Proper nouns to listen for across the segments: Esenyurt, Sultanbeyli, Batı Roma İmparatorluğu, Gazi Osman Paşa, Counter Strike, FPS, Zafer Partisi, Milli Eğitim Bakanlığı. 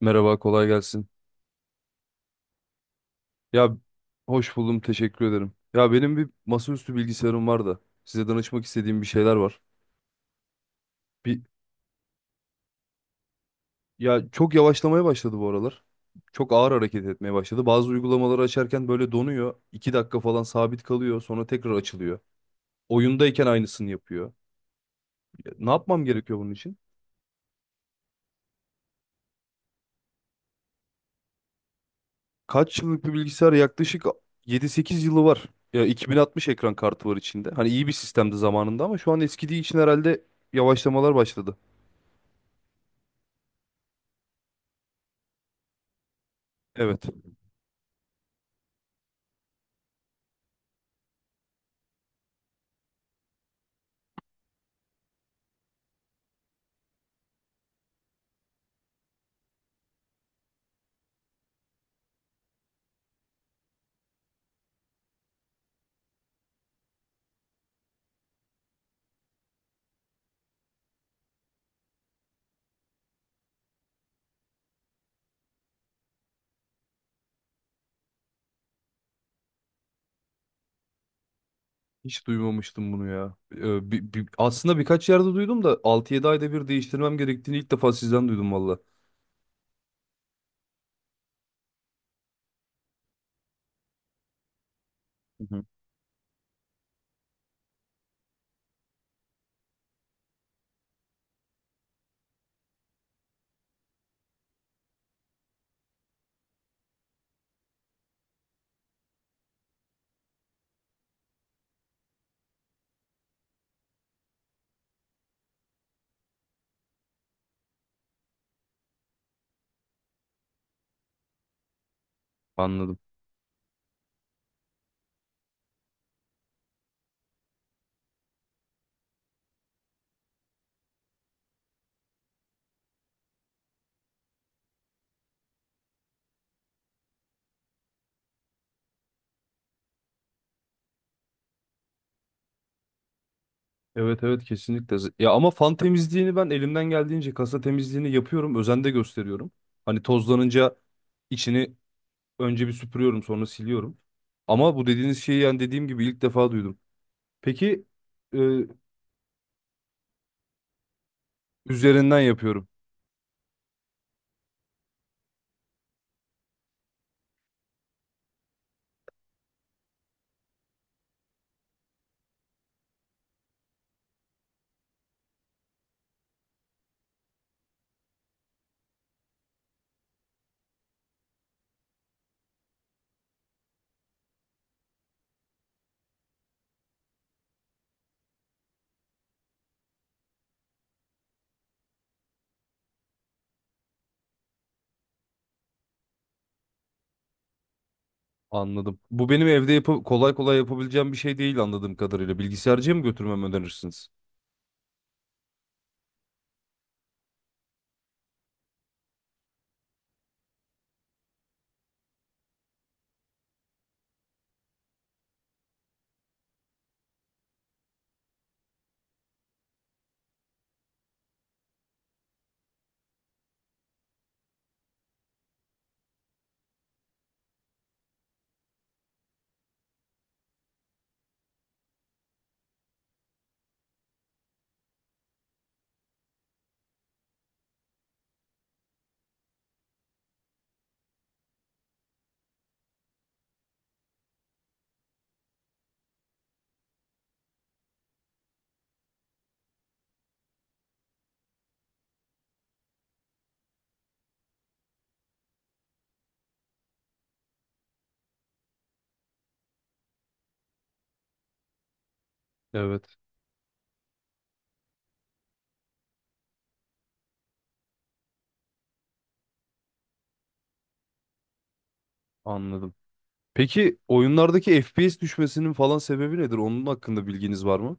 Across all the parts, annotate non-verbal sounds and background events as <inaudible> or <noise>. Merhaba, kolay gelsin. Ya, hoş buldum, teşekkür ederim. Ya benim bir masaüstü bilgisayarım var da size danışmak istediğim bir şeyler var. Bir Ya, çok yavaşlamaya başladı bu aralar. Çok ağır hareket etmeye başladı. Bazı uygulamaları açarken böyle donuyor. İki dakika falan sabit kalıyor, sonra tekrar açılıyor. Oyundayken aynısını yapıyor. Ya, ne yapmam gerekiyor bunun için? Kaç yıllık bir bilgisayar? Yaklaşık 7-8 yılı var. Ya, 2060 ekran kartı var içinde. Hani iyi bir sistemdi zamanında ama şu an eskidiği için herhalde yavaşlamalar başladı. Evet. Hiç duymamıştım bunu ya. Aslında birkaç yerde duydum da 6-7 ayda bir değiştirmem gerektiğini ilk defa sizden duydum valla. Hı hı. Anladım. Evet, evet, kesinlikle. Ya ama fan temizliğini ben elimden geldiğince kasa temizliğini yapıyorum. Özen de gösteriyorum. Hani tozlanınca içini önce bir süpürüyorum sonra siliyorum. Ama bu dediğiniz şeyi yani dediğim gibi ilk defa duydum. Peki, e, üzerinden yapıyorum. Anladım. Bu benim evde kolay kolay yapabileceğim bir şey değil anladığım kadarıyla. Bilgisayarcıya mı götürmemi önerirsiniz? Evet. Anladım. Peki oyunlardaki FPS düşmesinin falan sebebi nedir? Onun hakkında bilginiz var mı?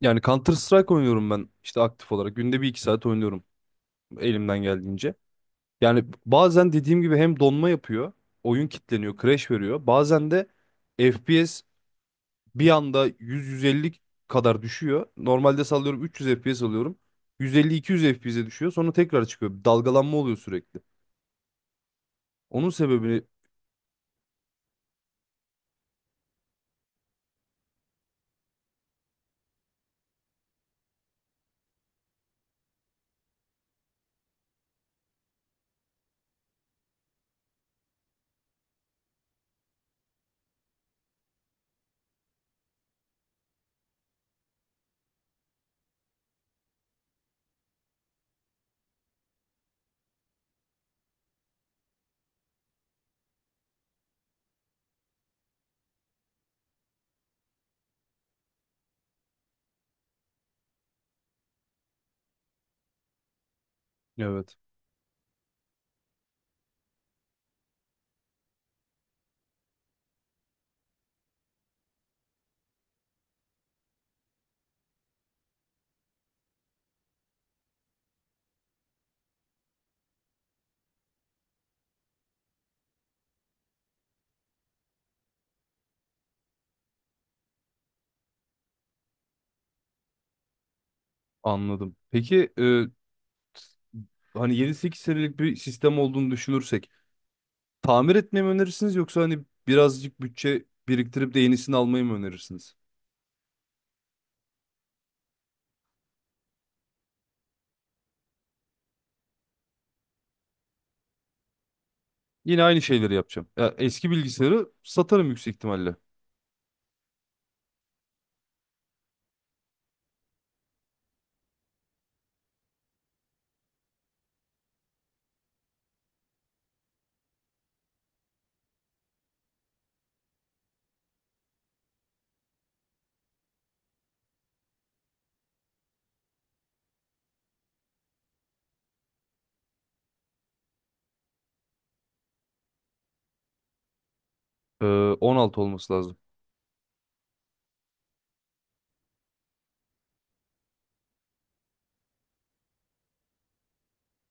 Yani Counter Strike oynuyorum ben işte aktif olarak. Günde bir iki saat oynuyorum elimden geldiğince. Yani bazen dediğim gibi hem donma yapıyor, oyun kilitleniyor, crash veriyor. Bazen de FPS bir anda 100-150 kadar düşüyor. Normalde sallıyorum 300 FPS alıyorum. 150-200 FPS'e düşüyor. Sonra tekrar çıkıyor. Dalgalanma oluyor sürekli. Onun sebebini... Evet. Anladım. Peki, hani 7-8 senelik bir sistem olduğunu düşünürsek tamir etmeyi mi önerirsiniz yoksa hani birazcık bütçe biriktirip de yenisini almayı mı önerirsiniz? Yine aynı şeyleri yapacağım. Ya, eski bilgisayarı satarım yüksek ihtimalle. Ee, 16 olması lazım.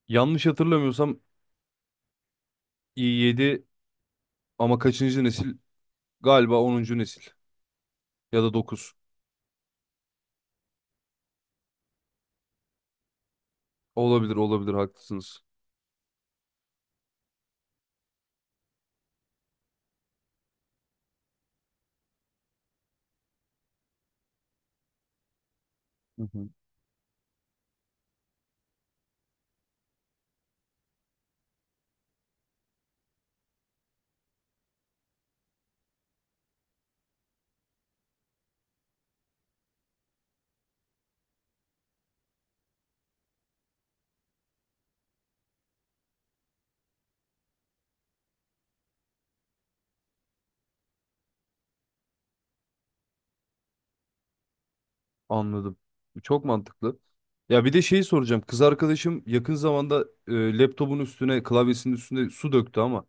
Yanlış hatırlamıyorsam i7 ama kaçıncı nesil? Galiba onuncu nesil ya da dokuz. Olabilir, olabilir, haklısınız. Hı hı. Anladım. Çok mantıklı. Ya bir de şeyi soracağım. Kız arkadaşım yakın zamanda laptopun üstüne, klavyesinin üstüne su döktü ama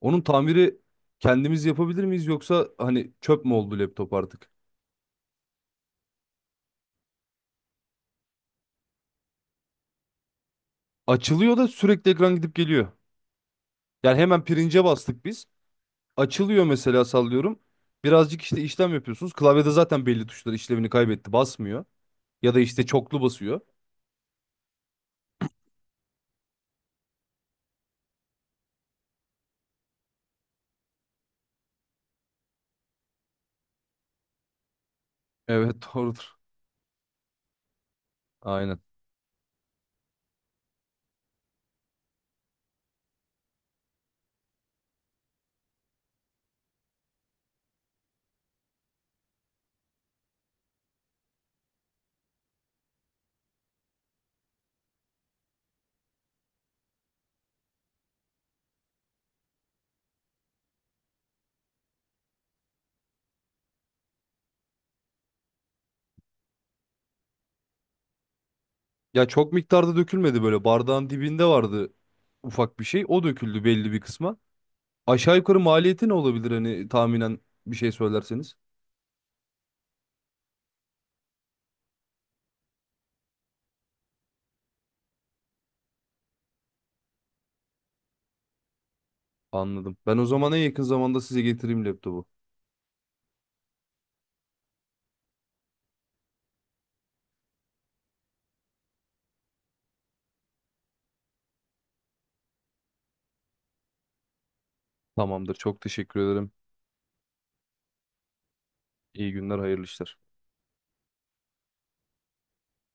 onun tamiri kendimiz yapabilir miyiz yoksa hani çöp mü oldu laptop artık? Açılıyor da sürekli ekran gidip geliyor. Yani hemen pirince bastık biz. Açılıyor mesela, sallıyorum. Birazcık işte işlem yapıyorsunuz. Klavyede zaten belli tuşlar işlevini kaybetti, basmıyor. Ya da işte çoklu basıyor. Evet, <laughs> doğrudur. Aynen. Ya çok miktarda dökülmedi böyle. Bardağın dibinde vardı ufak bir şey. O döküldü belli bir kısma. Aşağı yukarı maliyeti ne olabilir hani tahminen bir şey söylerseniz? Anladım. Ben o zaman en yakın zamanda size getireyim laptopu. Tamamdır. Çok teşekkür ederim. İyi günler, hayırlı işler.